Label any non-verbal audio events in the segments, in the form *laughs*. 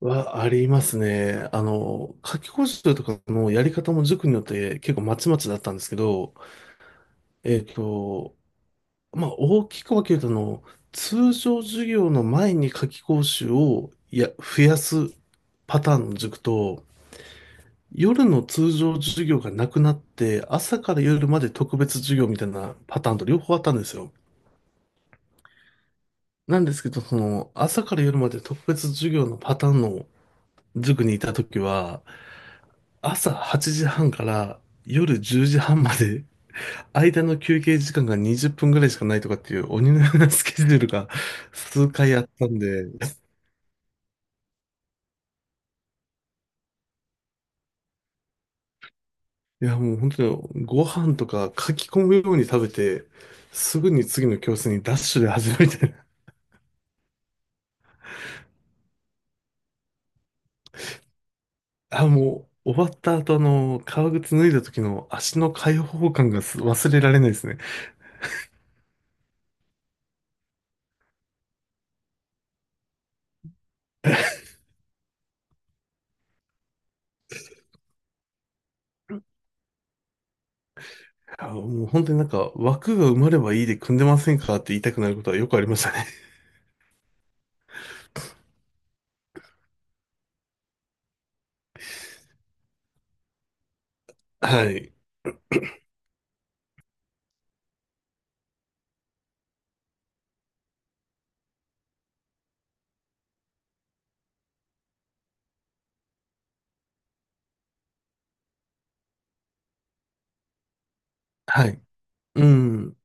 はありますね。夏期講習とかのやり方も塾によって結構まちまちだったんですけど、えっと、まあ、大きく分けると、通常授業の前に夏期講習を増やすパターンの塾と、夜の通常授業がなくなって、朝から夜まで特別授業みたいなパターンと両方あったんですよ。なんですけど、朝から夜まで特別授業のパターンの塾にいたときは、朝8時半から夜10時半まで、間の休憩時間が20分ぐらいしかないとかっていう鬼のようなスケジュールが数回あったんで、いやもう本当にご飯とか書き込むように食べて、すぐに次の教室にダッシュで始めて、あ、もう終わった後革靴脱いだ時の足の解放感が忘れられないですね。あ、もう本当になんか枠が埋まればいいで組んでませんかって言いたくなることはよくありましたね。*laughs* はい。はい。うん。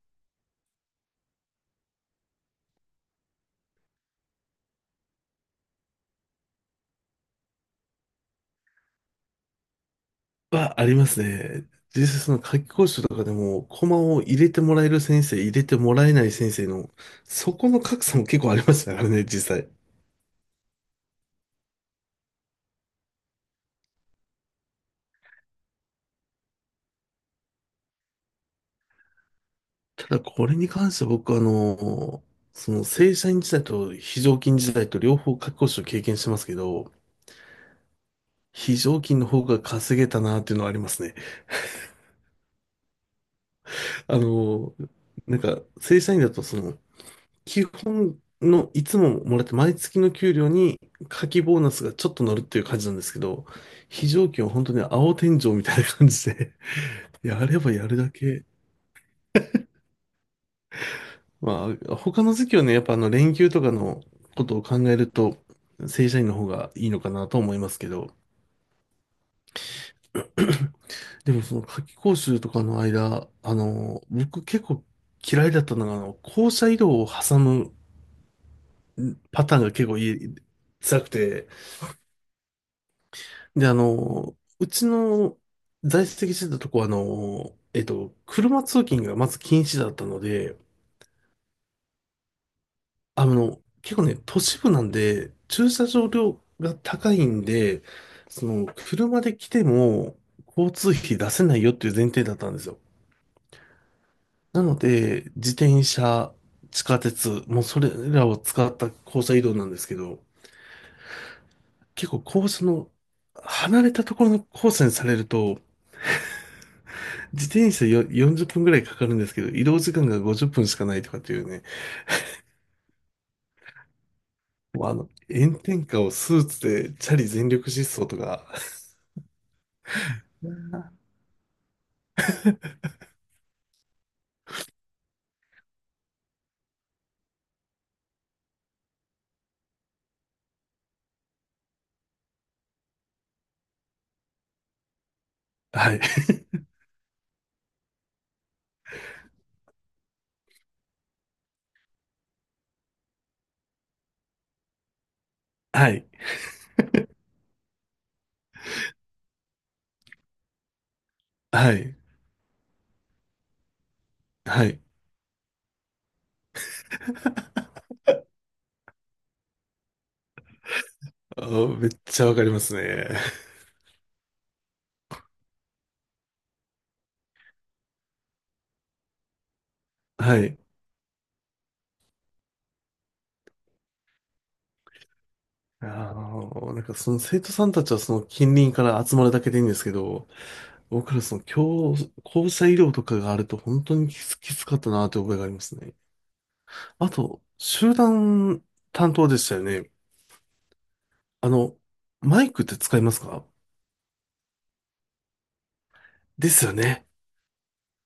はありますね。実際その夏期講習とかでも、コマを入れてもらえる先生、入れてもらえない先生の、そこの格差も結構ありましたからね、実際。ただこれに関しては僕はその正社員時代と非常勤時代と両方夏期講習を経験してますけど、非常勤の方が稼げたなっていうのはありますね。あの、なんか正社員だと基本のいつももらって毎月の給料に夏季ボーナスがちょっと乗るっていう感じなんですけど、非常勤は本当に青天井みたいな感じで *laughs* やればやるだけ。まあ、他の時期はね、やっぱ連休とかのことを考えると、正社員の方がいいのかなと思いますけど、*clears throat* でもその夏季講習とかの間、僕結構嫌いだったのが、校舎移動を挟むパターンが結構辛くて、で、うちの在籍してたとこは、車通勤がまず禁止だったので、結構ね、都市部なんで、駐車場料が高いんで、車で来ても、交通費出せないよっていう前提だったんですよ。なので、自転車、地下鉄、もうそれらを使った校舎移動なんですけど、結構校舎の、離れたところのコースにされると、自転車よ40分ぐらいかかるんですけど、移動時間が50分しかないとかっていうね、もう炎天下をスーツでチャリ全力疾走とか、はい、はい、はい、はい。あーめっちゃわかりますね。はい。あなんかその生徒さんたちはその近隣から集まるだけでいいんですけど、僕らその教、校舎医療とかがあると本当にきつかったなという覚えがありますね。あと、集団担当でしたよね。あの、マイクって使いますか？ですよね。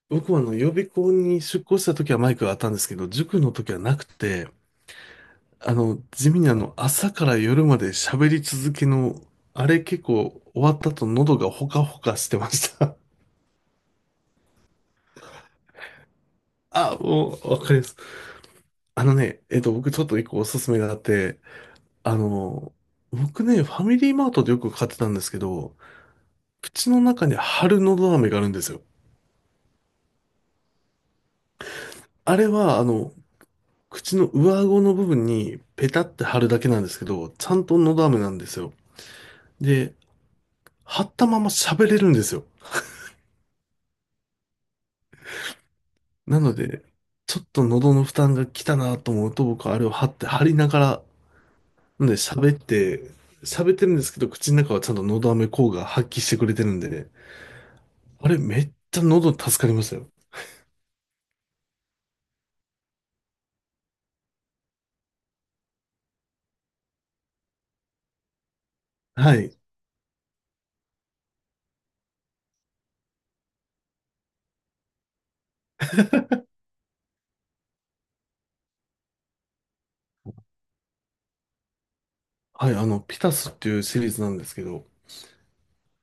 僕は予備校に出向した時はマイクがあったんですけど、塾の時はなくて、地味に朝から夜まで喋り続けの、あれ結構終わった後喉がほかほかしてました。*laughs* あ、もう、わかります。あのね、僕ちょっと一個おすすめがあって、あの、僕ね、ファミリーマートでよく買ってたんですけど、口の中に貼るのど飴があるんですよ。あれは、口の上顎の部分にペタって貼るだけなんですけど、ちゃんとのど飴なんですよ。で、貼ったまま喋れるんですよ。なので、ちょっと喉の負担が来たなと思うと、僕はあれを貼って貼りながら、なんで喋ってるんですけど、口の中はちゃんとのど飴効果発揮してくれてるんでね、あれめっちゃ喉助かりましたよ。はい。はい、ピタスっていうシリーズなんですけど、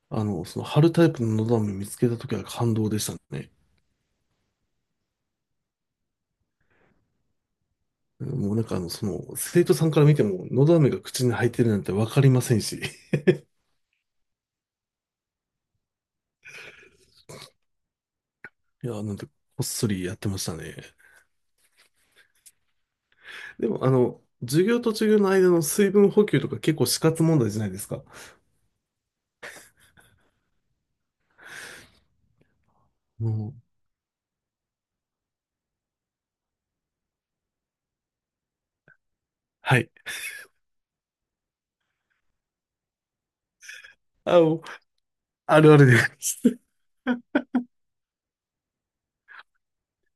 その貼るタイプののど飴見つけた時は感動でしたね。もうなんか生徒さんから見ても、喉飴が口に入ってるなんてわかりませんし。*laughs* いや、なんて、こっそりやってましたね。でも、授業と授業の間の水分補給とか結構死活問題じゃないですか。もう、はい。もうあるあるです。*laughs*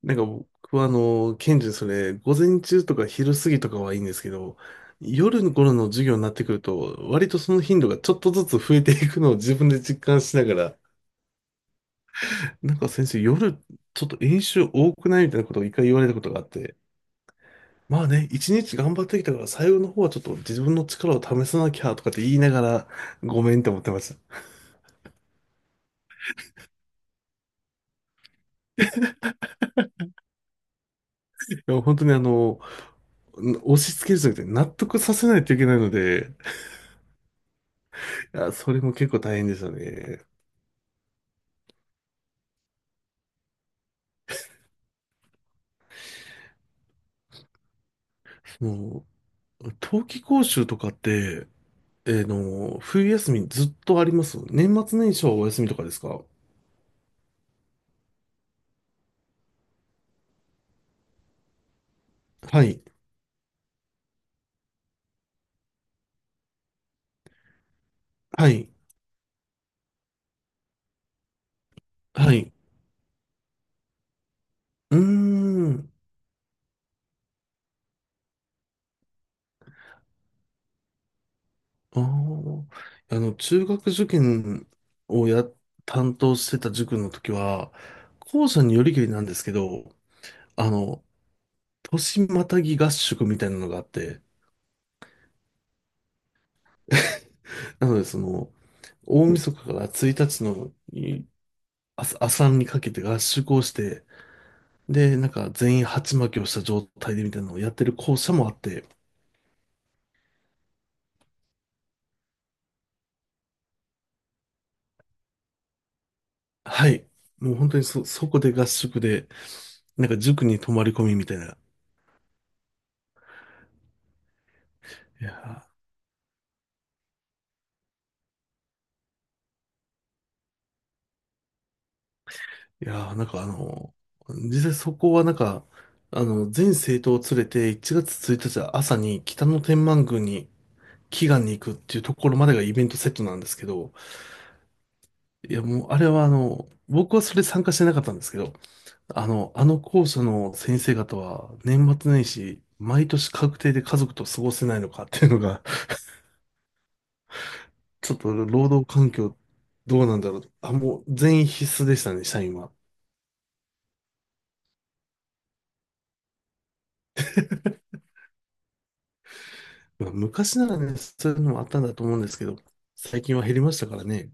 なんか僕はケンジそれ、午前中とか昼過ぎとかはいいんですけど、夜の頃の授業になってくると、割とその頻度がちょっとずつ増えていくのを自分で実感しながら、なんか先生、夜、ちょっと演習多くないみたいなことを一回言われたことがあって、まあね、一日頑張ってきたから、最後の方はちょっと自分の力を試さなきゃとかって言いながら、ごめんって思ってました。いや、本当に押し付けるじゃなくて、納得させないといけないので、いや、それも結構大変でしたね。もう、冬季講習とかって、えーの、冬休みずっとあります年末年始はお休みとかですか？はい。はい。はい。うーん。ああ、中学受験を担当してた塾の時は、校舎によりけりなんですけど、あの、年またぎ合宿みたいなのがあって、なので、大晦日から1日の朝にかけて合宿をして、で、なんか全員鉢巻きをした状態でみたいなのをやってる校舎もあって、はい。もう本当にそこで合宿で、なんか塾に泊まり込みみたいな。いやいやー、なんか実際そこはなんか、全政党を連れて1月1日朝に北の天満宮に祈願に行くっていうところまでがイベントセットなんですけど、いやもうあれは僕はそれ参加してなかったんですけど、あの校舎の先生方は年末年始、毎年確定で家族と過ごせないのかっていうのが、ちょっと労働環境どうなんだろう。あ、もう全員必須でしたね、社員は。まあ昔ならね、そういうのもあったんだと思うんですけど、最近は減りましたからね。